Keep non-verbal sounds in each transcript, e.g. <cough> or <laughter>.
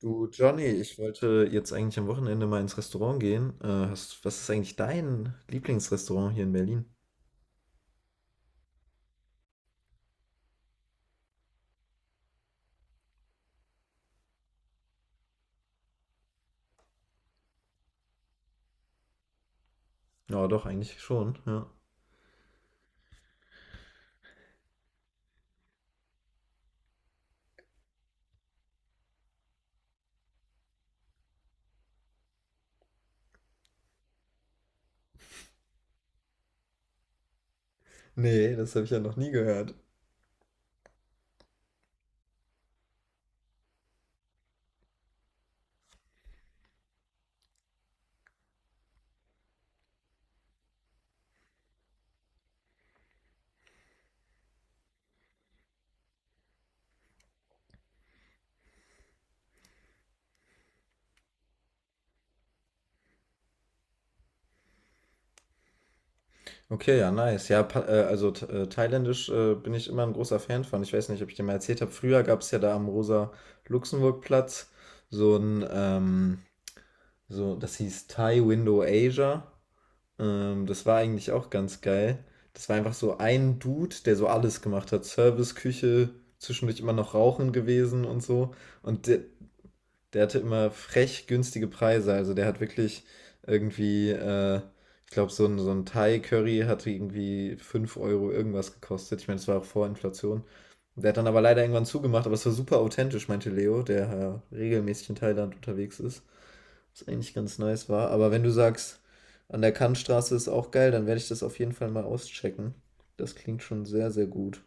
Du Johnny, ich wollte jetzt eigentlich am Wochenende mal ins Restaurant gehen. Was ist eigentlich dein Lieblingsrestaurant hier in Berlin? Ja, doch, eigentlich schon, ja. Nee, das habe ich ja noch nie gehört. Okay, ja, nice. Ja, thailändisch bin ich immer ein großer Fan von. Ich weiß nicht, ob ich dir mal erzählt habe. Früher gab es ja da am Rosa-Luxemburg-Platz so ein, ähm, das hieß Thai Window Asia. Das war eigentlich auch ganz geil. Das war einfach so ein Dude, der so alles gemacht hat. Service, Küche, zwischendurch immer noch Rauchen gewesen und so. Und der hatte immer frech günstige Preise. Also der hat wirklich irgendwie, ich glaube, so ein Thai-Curry hat irgendwie 5 Euro irgendwas gekostet. Ich meine, das war auch vor Inflation. Der hat dann aber leider irgendwann zugemacht, aber es war super authentisch, meinte Leo, der regelmäßig in Thailand unterwegs ist. Was eigentlich ganz nice war. Aber wenn du sagst, an der Kantstraße ist auch geil, dann werde ich das auf jeden Fall mal auschecken. Das klingt schon sehr, sehr gut.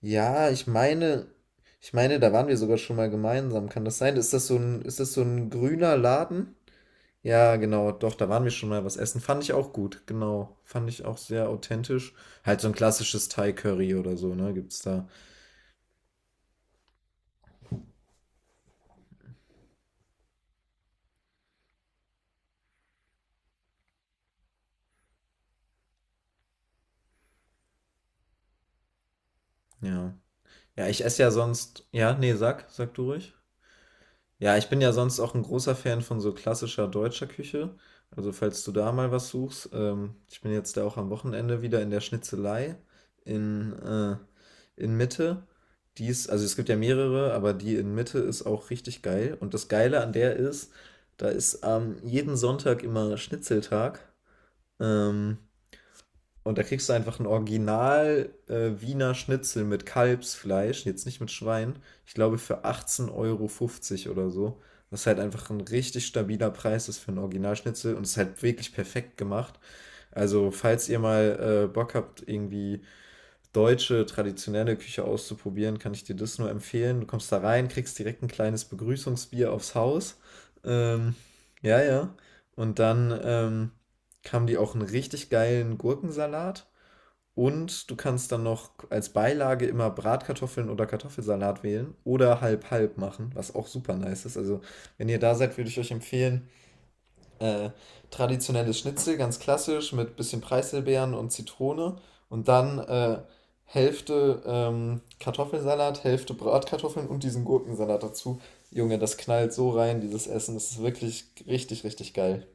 Ja, ich meine, da waren wir sogar schon mal gemeinsam. Kann das sein? Ist das so ein grüner Laden? Ja, genau, doch, da waren wir schon mal was essen. Fand ich auch gut, genau. Fand ich auch sehr authentisch. Halt so ein klassisches Thai-Curry oder so, ne? Gibt's da. Ja. Ja, ich esse ja sonst. Ja, nee, sag du ruhig. Ja, ich bin ja sonst auch ein großer Fan von so klassischer deutscher Küche. Also, falls du da mal was suchst, ich bin jetzt da auch am Wochenende wieder in der Schnitzelei in, äh in Mitte. Die ist also, es gibt ja mehrere, aber die in Mitte ist auch richtig geil. Und das Geile an der ist, da ist jeden Sonntag immer Schnitzeltag. Ähm, und da kriegst du einfach ein Original Wiener Schnitzel mit Kalbsfleisch, jetzt nicht mit Schwein, ich glaube für 18,50 € oder so. Was halt einfach ein richtig stabiler Preis ist für ein Originalschnitzel und ist halt wirklich perfekt gemacht. Also, falls ihr mal Bock habt, irgendwie deutsche, traditionelle Küche auszuprobieren, kann ich dir das nur empfehlen. Du kommst da rein, kriegst direkt ein kleines Begrüßungsbier aufs Haus. Ähm, ja, ja. Und dann haben die auch einen richtig geilen Gurkensalat. Und du kannst dann noch als Beilage immer Bratkartoffeln oder Kartoffelsalat wählen oder halb-halb machen, was auch super nice ist. Also, wenn ihr da seid, würde ich euch empfehlen, äh, traditionelles Schnitzel, ganz klassisch, mit bisschen Preiselbeeren und Zitrone. Und dann Hälfte Kartoffelsalat, Hälfte Bratkartoffeln und diesen Gurkensalat dazu. Junge, das knallt so rein, dieses Essen. Das ist wirklich richtig, richtig geil.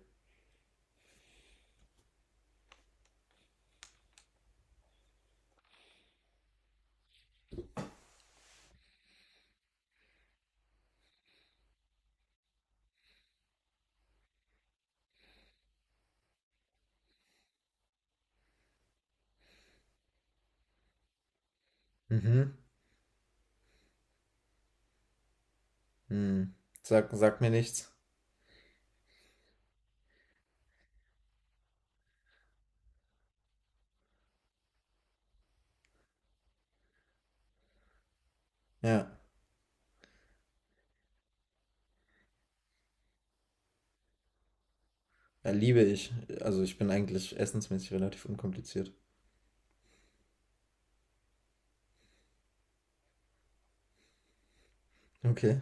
Mhm. Hm. Sagt mir nichts. Ja. Ja, liebe ich. Also ich bin eigentlich essensmäßig relativ unkompliziert. Okay.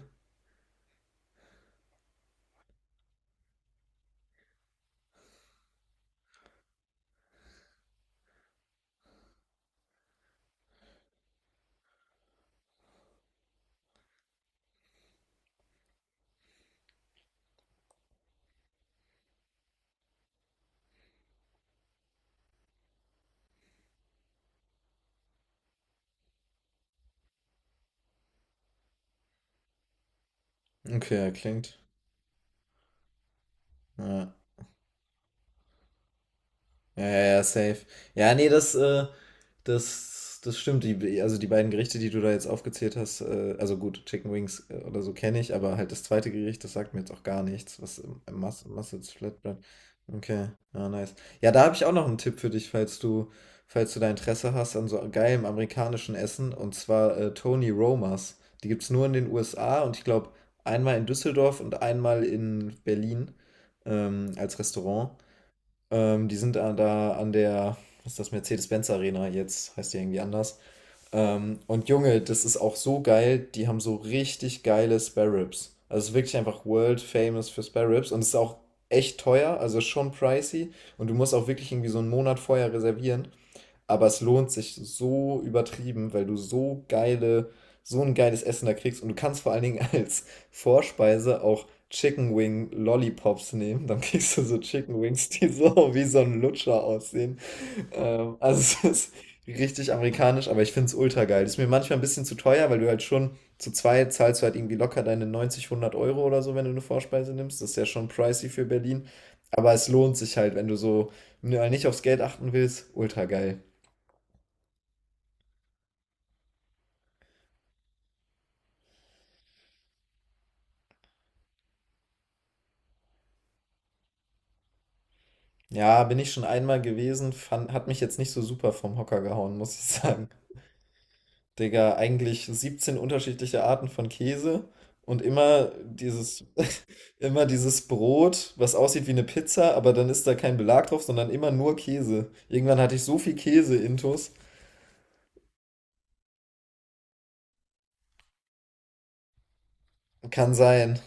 Okay, ja, klingt. Ja. Ja, ja, ja, safe. Ja, nee, das stimmt. Also die beiden Gerichte, die du da jetzt aufgezählt hast, also gut, Chicken Wings oder so kenne ich, aber halt das zweite Gericht, das sagt mir jetzt auch gar nichts, was im Mussels Flatbread. Okay, ja, nice. Ja, da habe ich auch noch einen Tipp für dich, falls du da Interesse hast an so geilem amerikanischen Essen, und zwar Tony Romas. Die gibt es nur in den USA und ich glaube einmal in Düsseldorf und einmal in Berlin als Restaurant. Die sind da, an der, was ist das, Mercedes-Benz Arena jetzt, heißt die irgendwie anders. Und Junge, das ist auch so geil, die haben so richtig geile Spare Ribs. Also es ist wirklich einfach world famous für Spare Ribs und es ist auch echt teuer, also schon pricey und du musst auch wirklich irgendwie so einen Monat vorher reservieren. Aber es lohnt sich so übertrieben, weil du so ein geiles Essen da kriegst. Und du kannst vor allen Dingen als Vorspeise auch Chicken Wing Lollipops nehmen. Dann kriegst du so Chicken Wings, die so wie so ein Lutscher aussehen. Also es ist richtig amerikanisch, aber ich finde es ultra geil. Ist mir manchmal ein bisschen zu teuer, weil du halt schon zu zweit zahlst du halt irgendwie locker deine 90 100 Euro oder so, wenn du eine Vorspeise nimmst. Das ist ja schon pricey für Berlin. Aber es lohnt sich halt, wenn du so ja, nicht aufs Geld achten willst. Ultra geil. Ja, bin ich schon einmal gewesen, hat mich jetzt nicht so super vom Hocker gehauen, muss ich sagen. Digga, eigentlich 17 unterschiedliche Arten von Käse und immer dieses, <laughs> immer dieses Brot, was aussieht wie eine Pizza, aber dann ist da kein Belag drauf, sondern immer nur Käse. Irgendwann hatte ich so viel Käse-Intus. Kann sein.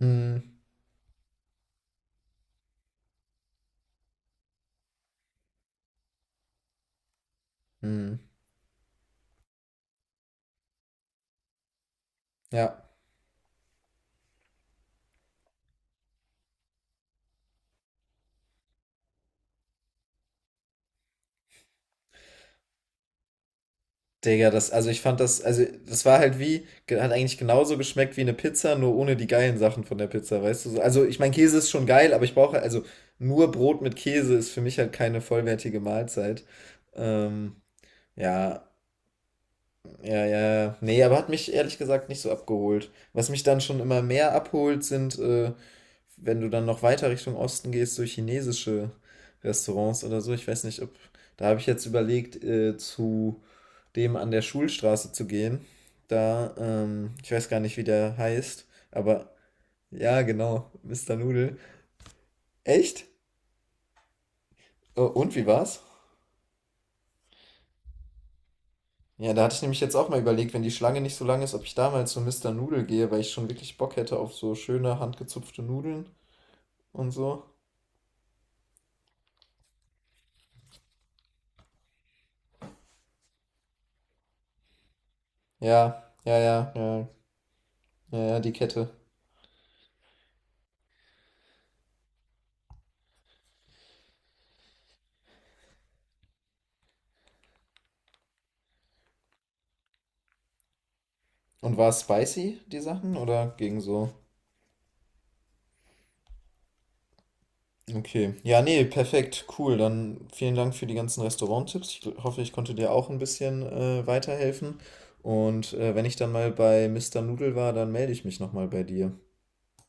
Hm, hm. Ja. Digga, also ich fand das, also das war halt wie, ge- hat eigentlich genauso geschmeckt wie eine Pizza, nur ohne die geilen Sachen von der Pizza, weißt du? So. Also ich meine, Käse ist schon geil, aber ich brauche, also nur Brot mit Käse ist für mich halt keine vollwertige Mahlzeit. Ähm, ja, ja, ja. Ja. Nee, aber hat mich ehrlich gesagt nicht so abgeholt. Was mich dann schon immer mehr abholt, sind, wenn du dann noch weiter Richtung Osten gehst, so chinesische Restaurants oder so. Ich weiß nicht, ob. Da habe ich jetzt überlegt, zu dem an der Schulstraße zu gehen. Ich weiß gar nicht, wie der heißt, aber ja, genau, Mister Nudel. Echt? Oh, und wie war's? Ja, da hatte ich nämlich jetzt auch mal überlegt, wenn die Schlange nicht so lang ist, ob ich da mal zu Mister Nudel gehe, weil ich schon wirklich Bock hätte auf so schöne handgezupfte Nudeln und so. Ja, ja, ja, ja, ja, ja, die Kette. Und war es spicy, die Sachen, oder ging so? Okay. Ja, nee, perfekt, cool. Dann vielen Dank für die ganzen Restauranttipps. Ich hoffe, ich konnte dir auch ein bisschen weiterhelfen. Und wenn ich dann mal bei Mister Nudel war, dann melde ich mich nochmal bei dir.